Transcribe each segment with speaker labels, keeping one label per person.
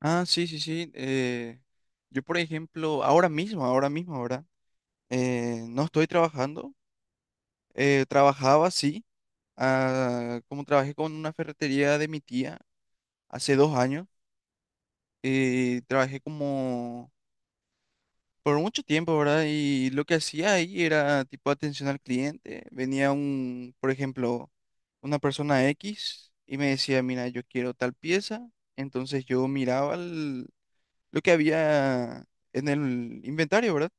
Speaker 1: Ah, sí, sí, sí. Yo, por ejemplo, ahora mismo, ¿verdad? No estoy trabajando. Trabajaba, sí, como trabajé con una ferretería de mi tía hace 2 años. Trabajé como por mucho tiempo, ¿verdad? Y lo que hacía ahí era tipo atención al cliente. Venía un, por ejemplo, una persona X y me decía, mira, yo quiero tal pieza. Entonces yo miraba lo que había en el inventario, ¿verdad?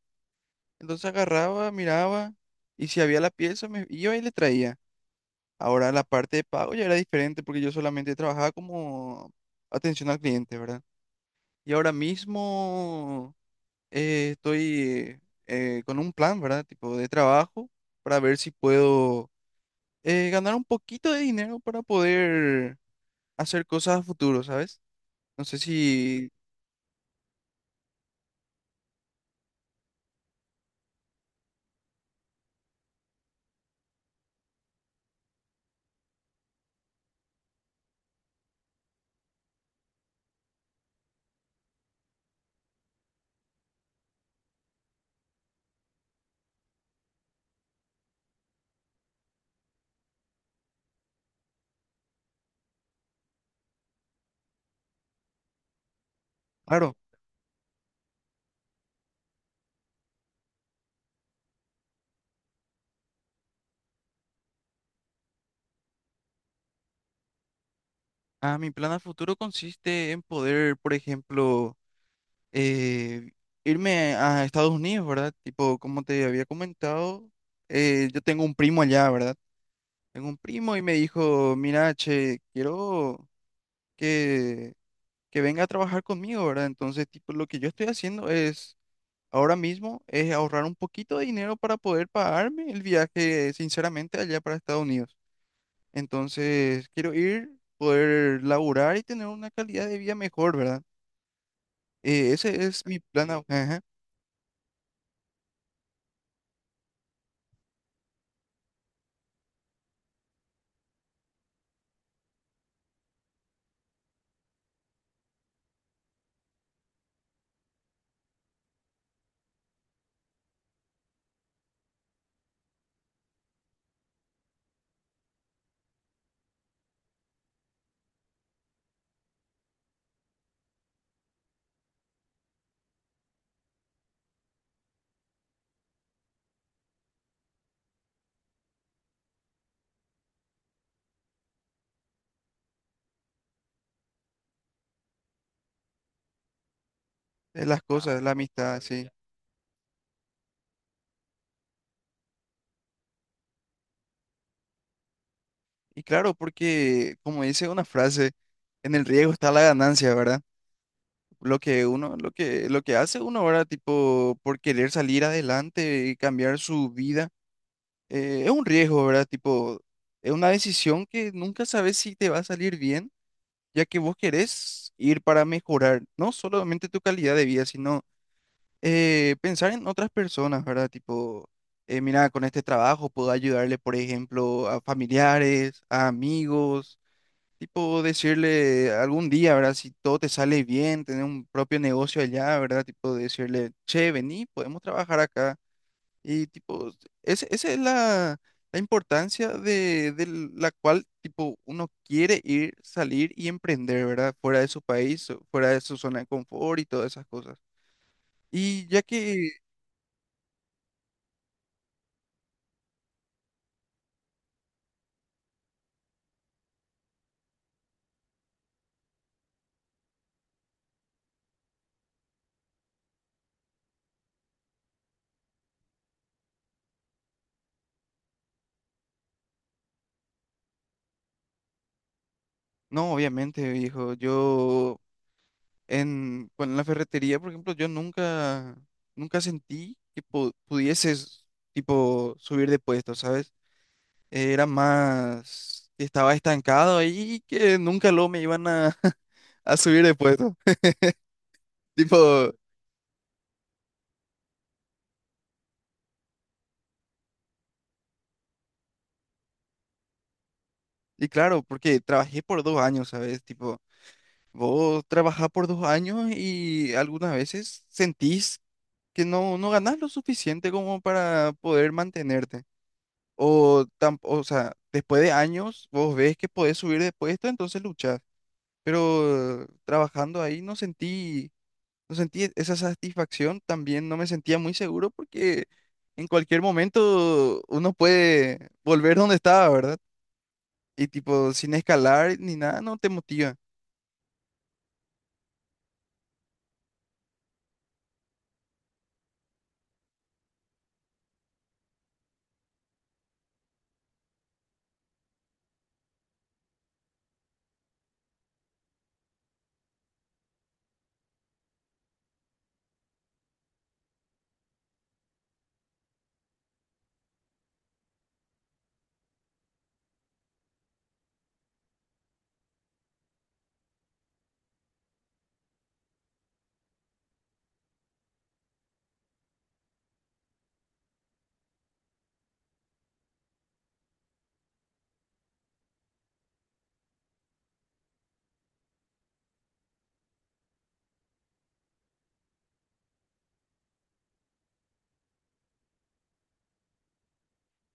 Speaker 1: Entonces agarraba, miraba, y si había la pieza me iba y le traía. Ahora la parte de pago ya era diferente porque yo solamente trabajaba como atención al cliente, ¿verdad? Y ahora mismo estoy con un plan, ¿verdad? Tipo de trabajo para ver si puedo ganar un poquito de dinero para poder hacer cosas a futuro, ¿sabes? No sé si, claro, mi plan a futuro consiste en poder, por ejemplo, eh, irme a Estados Unidos, ¿verdad? Tipo, como te había comentado, yo tengo un primo allá, ¿verdad? Tengo un primo y me dijo, mira, che, quiero que, que venga a trabajar conmigo, ¿verdad? Entonces, tipo, lo que yo estoy haciendo es, ahora mismo, es ahorrar un poquito de dinero para poder pagarme el viaje, sinceramente, allá para Estados Unidos. Entonces, quiero ir, poder laburar y tener una calidad de vida mejor, ¿verdad? Ese es mi plan. Ajá. Es las cosas, la amistad, sí. Y claro, porque como dice una frase, en el riesgo está la ganancia, ¿verdad? Lo que hace uno ahora, tipo, por querer salir adelante y cambiar su vida, es un riesgo, ¿verdad? Tipo, es una decisión que nunca sabes si te va a salir bien, ya que vos querés ir para mejorar no solamente tu calidad de vida, sino pensar en otras personas, ¿verdad? Tipo, mira, con este trabajo puedo ayudarle, por ejemplo, a familiares, a amigos, tipo, decirle algún día, ¿verdad? Si todo te sale bien, tener un propio negocio allá, ¿verdad? Tipo, decirle, che, vení, podemos trabajar acá. Y tipo, esa es la, la importancia de la cual, tipo, uno quiere ir, salir y emprender, ¿verdad? Fuera de su país, fuera de su zona de confort y todas esas cosas. Y ya que no, obviamente, viejo. Yo en, bueno, en la ferretería, por ejemplo, yo nunca sentí que pudieses, tipo, subir de puesto, ¿sabes? Era más que estaba estancado ahí y que nunca lo me iban a, a subir de puesto. Tipo, y claro, porque trabajé por 2 años, ¿sabes? Tipo, vos trabajás por 2 años y algunas veces sentís que no ganás lo suficiente como para poder mantenerte. O, o sea, después de años vos ves que podés subir de puesto, entonces luchás. Pero trabajando ahí no sentí, no sentí esa satisfacción, también no me sentía muy seguro porque en cualquier momento uno puede volver donde estaba, ¿verdad? Y tipo, sin escalar ni nada, no te motiva.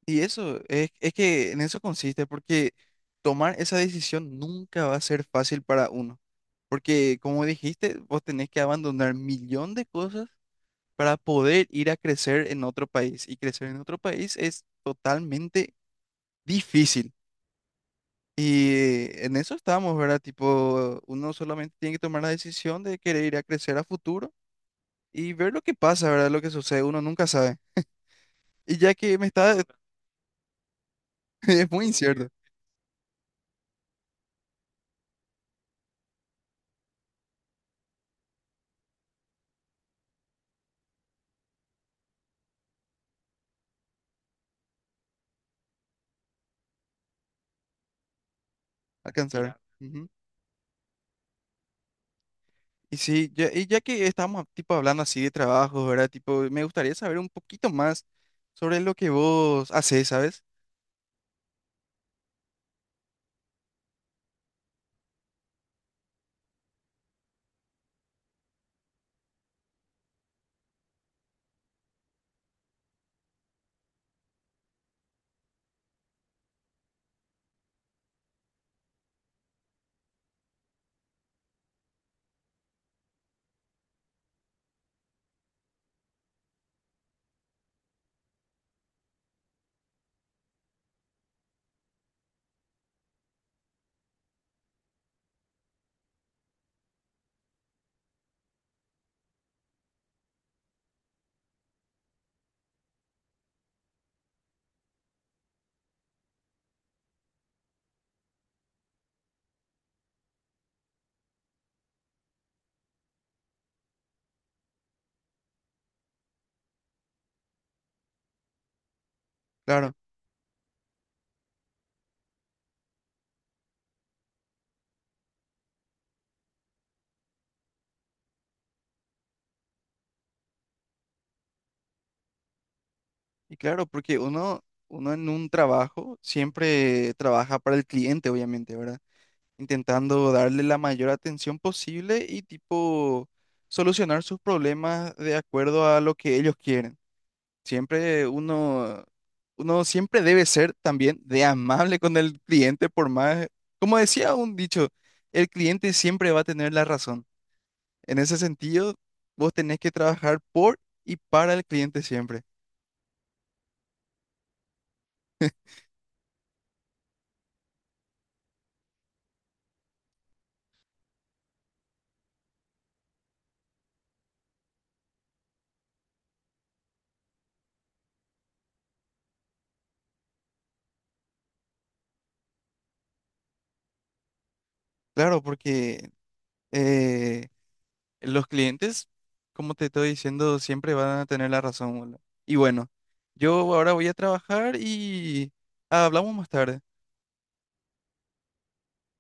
Speaker 1: Es que en eso consiste, porque tomar esa decisión nunca va a ser fácil para uno. Porque como dijiste, vos tenés que abandonar millón de cosas para poder ir a crecer en otro país. Y crecer en otro país es totalmente difícil. Y en eso estamos, ¿verdad? Tipo, uno solamente tiene que tomar la decisión de querer ir a crecer a futuro y ver lo que pasa, ¿verdad? Lo que sucede, uno nunca sabe. Y ya que me está, es muy incierto alcanzar. Claro. Ujú. Y sí, ya, y ya que estamos tipo hablando así de trabajos, ¿verdad? Tipo, me gustaría saber un poquito más sobre lo que vos haces, ¿sabes? Claro. Y claro, porque uno en un trabajo siempre trabaja para el cliente, obviamente, ¿verdad? Intentando darle la mayor atención posible y tipo solucionar sus problemas de acuerdo a lo que ellos quieren. Siempre uno siempre debe ser también de amable con el cliente, por más, como decía un dicho, el cliente siempre va a tener la razón. En ese sentido, vos tenés que trabajar por y para el cliente siempre. Claro, porque... eh, los clientes, como te estoy diciendo, siempre van a tener la razón, boludo. Y bueno, yo ahora voy a trabajar y hablamos más tarde.